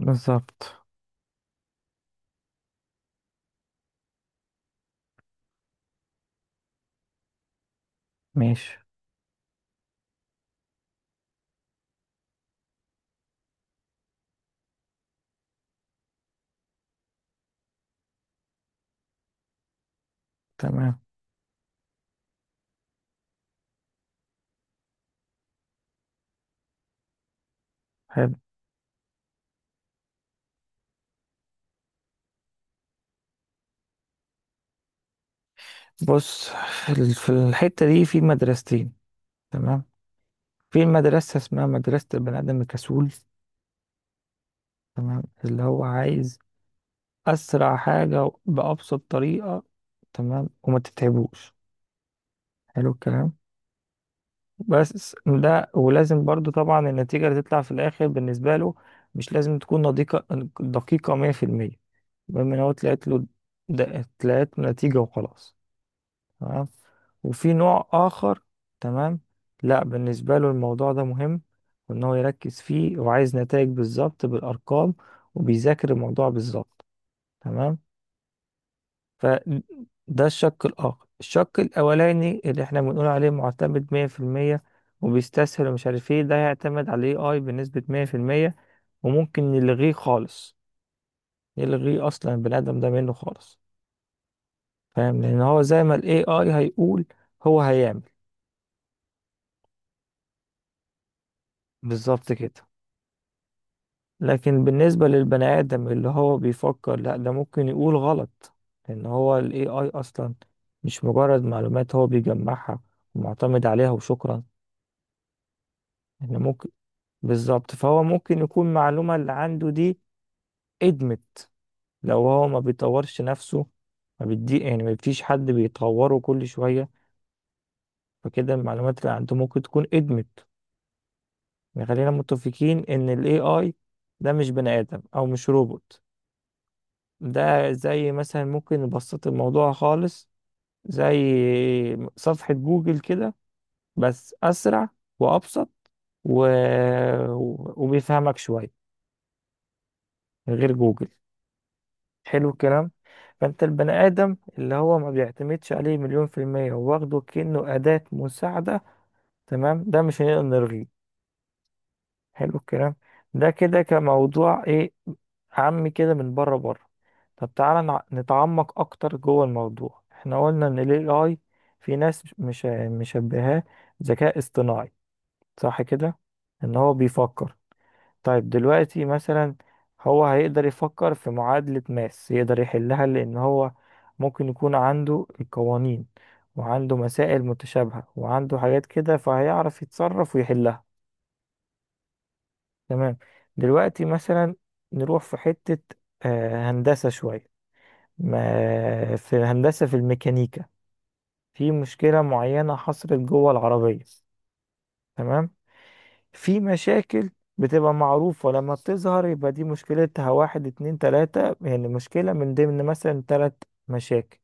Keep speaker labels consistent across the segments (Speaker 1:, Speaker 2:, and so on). Speaker 1: بالظبط. ماشي. تمام. حلو. بص في الحتة دي في مدرستين. تمام. في مدرسة اسمها مدرسة البني آدم الكسول. تمام، اللي هو عايز أسرع حاجة بأبسط طريقة، تمام، وما تتعبوش. حلو الكلام. بس ده، ولازم برضو طبعا النتيجة اللي تطلع في الآخر بالنسبة له مش لازم تكون دقيقة، دقيقة 100%. المهم إن هو طلعت له، طلعت له نتيجة وخلاص. تمام. وفي نوع آخر. تمام. لا، بالنسبة له الموضوع ده مهم، وإن هو يركز فيه وعايز نتائج بالظبط بالأرقام، وبيذاكر الموضوع بالظبط. تمام. فده الشق الآخر. الشق الأولاني اللي إحنا بنقول عليه معتمد مية في المية وبيستسهل ومش عارف إيه، ده هيعتمد على ال AI بنسبة مية في المية. وممكن نلغيه خالص، نلغيه أصلا البني آدم ده منه خالص. فاهم؟ لأن هو زي ما ال AI هيقول، هو هيعمل. بالظبط كده. لكن بالنسبة للبني آدم اللي هو بيفكر، لا ده ممكن يقول غلط، لأن هو ال AI أصلا مش مجرد معلومات هو بيجمعها ومعتمد عليها وشكرا، إن ممكن. بالظبط، فهو ممكن يكون المعلومة اللي عنده دي ادمت، لو هو ما بيطورش نفسه، ما بيدي يعني ما فيش حد بيطوره كل شوية، فكده المعلومات اللي عنده ممكن تكون ادمت. يعني خلينا متفقين إن ال AI ده مش بني آدم أو مش روبوت. ده زي مثلا، ممكن نبسط الموضوع خالص، زي صفحة جوجل كده، بس أسرع وأبسط و... وبيفهمك شوية غير جوجل. حلو الكلام. فأنت البني آدم اللي هو ما بيعتمدش عليه مليون في المية وواخده كأنه أداة مساعدة، تمام، ده مش هنقدر نلغيه. حلو الكلام. ده كده كموضوع ايه، عامي كده من بره. طب تعالى نتعمق اكتر جوه الموضوع. احنا قلنا ان ال AI، في ناس مش مشبهاه ذكاء اصطناعي صح كده، ان هو بيفكر. طيب دلوقتي مثلا، هو هيقدر يفكر في معادلة ماس، يقدر يحلها، لان هو ممكن يكون عنده القوانين وعنده مسائل متشابهة وعنده حاجات كده، فهيعرف يتصرف ويحلها. تمام. دلوقتي مثلا، نروح في حتة، هندسة شوية، ما في هندسة في الميكانيكا، في مشكلة معينة حصلت جوه العربية. تمام. في مشاكل بتبقى معروفة، لما بتظهر يبقى دي مشكلتها واحد اتنين تلاتة، يعني مشكلة من ضمن مثلا تلات مشاكل.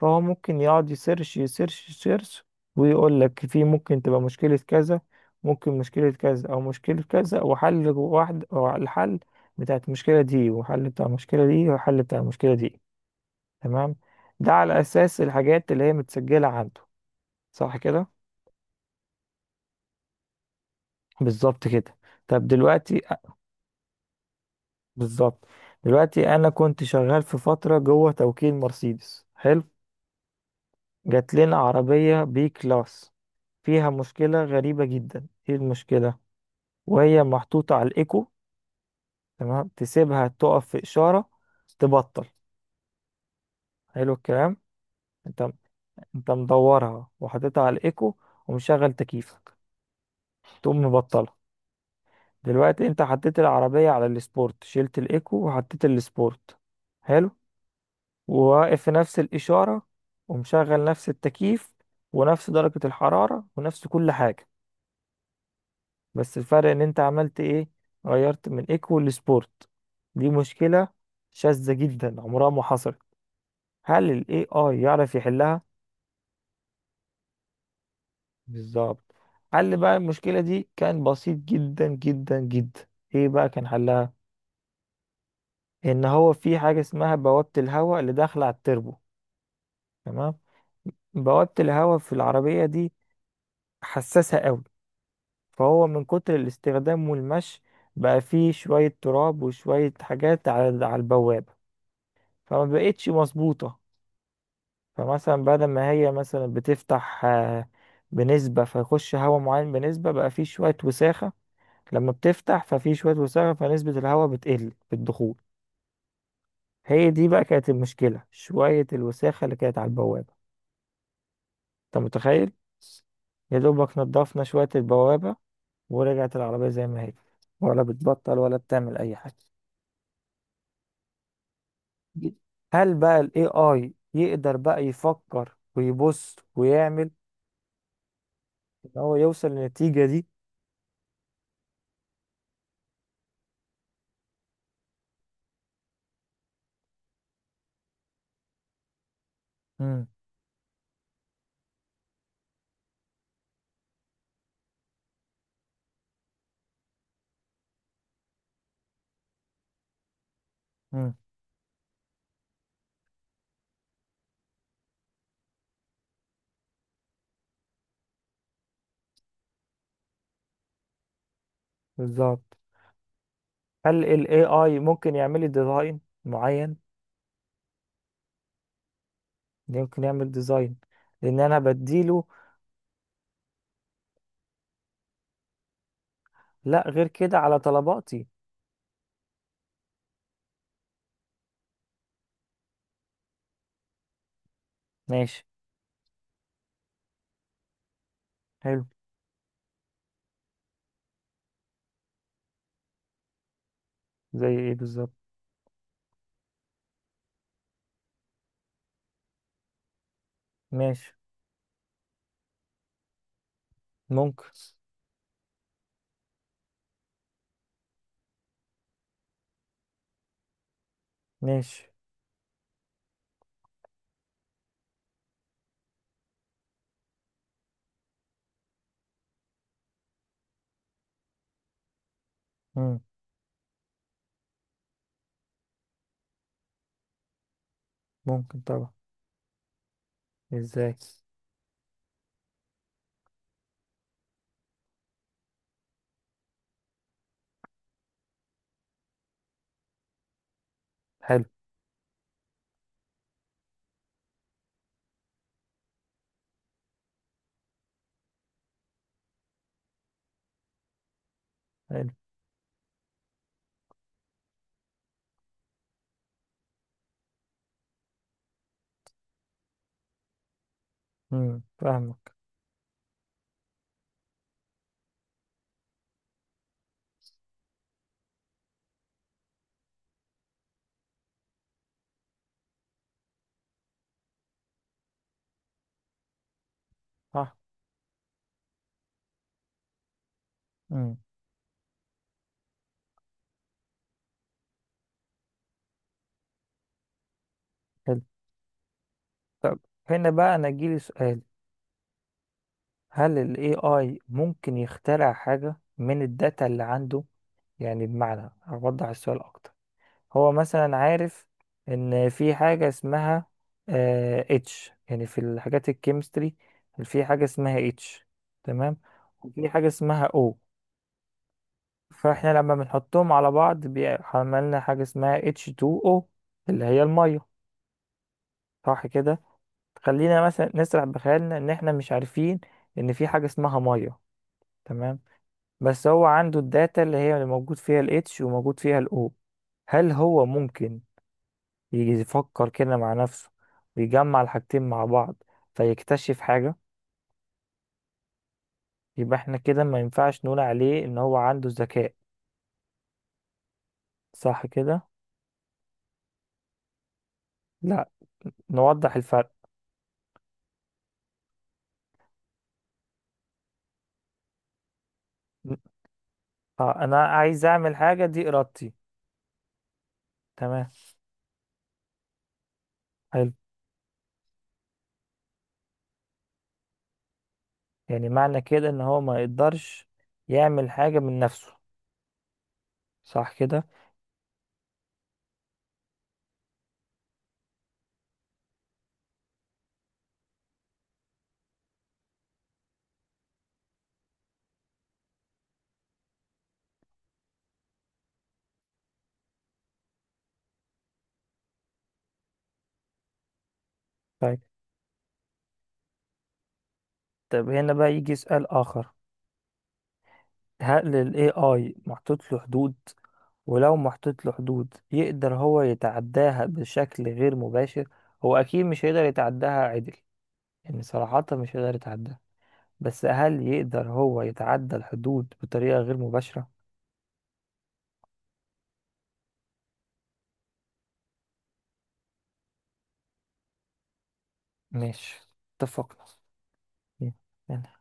Speaker 1: فهو ممكن يقعد يسيرش، ويقول لك في ممكن تبقى مشكلة كذا، ممكن مشكلة كذا أو مشكلة كذا، وحل واحد أو الحل بتاع المشكلة دي، وحل بتاع المشكلة دي، وحل بتاع المشكلة دي. تمام. ده على أساس الحاجات اللي هي متسجلة عنده صح كده. بالظبط كده. طب دلوقتي، بالظبط، دلوقتي أنا كنت شغال في فترة جوه توكيل مرسيدس. حلو. جات لنا عربية بي كلاس فيها مشكلة غريبة جدا. ايه المشكلة؟ وهي محطوطة على الإيكو، تمام، تسيبها تقف في إشارة، تبطل. حلو الكلام. أنت أنت مدورها وحطيتها على الإيكو ومشغل تكييفك، تقوم مبطلها. دلوقتي أنت حطيت العربية على السبورت، شلت الإيكو وحطيت السبورت، حلو، وواقف في نفس الإشارة ومشغل نفس التكييف ونفس درجة الحرارة ونفس كل حاجة، بس الفرق إن أنت عملت إيه؟ غيرت من إيكو لسبورت. دي مشكلة شاذة جدا عمرها ما حصلت. هل ال AI يعرف يحلها؟ بالظبط. حل بقى المشكلة دي كان بسيط جدا جدا جدا. ايه بقى كان حلها؟ ان هو في حاجة اسمها بوابة الهواء اللي داخلة على التربو. تمام. بوابة الهواء في العربية دي حساسة قوي، فهو من كتر الاستخدام والمشي بقى فيه شوية تراب وشوية حاجات على البوابة، فما بقتش مظبوطة. فمثلا بدل ما هي مثلا بتفتح بنسبة فيخش هواء معين بنسبة، بقى فيه شوية وساخة، لما بتفتح ففي شوية وساخة فنسبة الهواء بتقل في الدخول. هي دي بقى كانت المشكلة، شوية الوساخة اللي كانت على البوابة. انت متخيل؟ يا دوبك نضفنا شوية البوابة ورجعت العربية زي ما هي، ولا بتبطل ولا بتعمل أي حاجة. هل بقى ال AI يقدر بقى يفكر ويبص ويعمل إن هو يوصل للنتيجة دي؟ مم. مم. بالظبط. هل ال AI ممكن يعمل لي ديزاين معين؟ يمكن يعمل ديزاين، لأن أنا بديله، لا غير كده، على طلباتي. ماشي. حلو. زي ايه بالظبط؟ ماشي. ممكن. ماشي. مم. ممكن طبعا. ازاي؟ حلو. حلو. فاهمك. صح. مم. حلو. هنا بقى انا جيلي سؤال، هل ال AI ممكن يخترع حاجة من الداتا اللي عنده؟ يعني بمعنى اوضح، السؤال اكتر، هو مثلا عارف ان في حاجة اسمها اتش، يعني في الحاجات الكيمستري، في حاجة اسمها اتش، تمام، وفي حاجة اسمها او، فاحنا لما بنحطهم على بعض بيعملنا حاجة اسمها اتش 2 او، اللي هي المية صح كده. خلينا مثلا نسرح بخيالنا ان احنا مش عارفين ان في حاجة اسمها مية، تمام، بس هو عنده الداتا اللي هي اللي موجود فيها الاتش وموجود فيها الاو، هل هو ممكن يجي يفكر كده مع نفسه ويجمع الحاجتين مع بعض فيكتشف حاجة؟ يبقى احنا كده ما ينفعش نقول عليه ان هو عنده ذكاء صح كده. لا، نوضح الفرق. اه، انا عايز اعمل حاجة دي ارادتي. تمام. حلو. يعني معنى كده ان هو ما يقدرش يعمل حاجة من نفسه صح كده. طيب. طب هنا بقى يجي سؤال اخر، هل ال AI محطوط له حدود؟ ولو محطوط له حدود، يقدر هو يتعداها بشكل غير مباشر؟ هو أكيد مش هيقدر يتعداها عدل، يعني صراحة مش هيقدر يتعداها، بس هل يقدر هو يتعدى الحدود بطريقة غير مباشرة؟ ماشي. اتفقنا.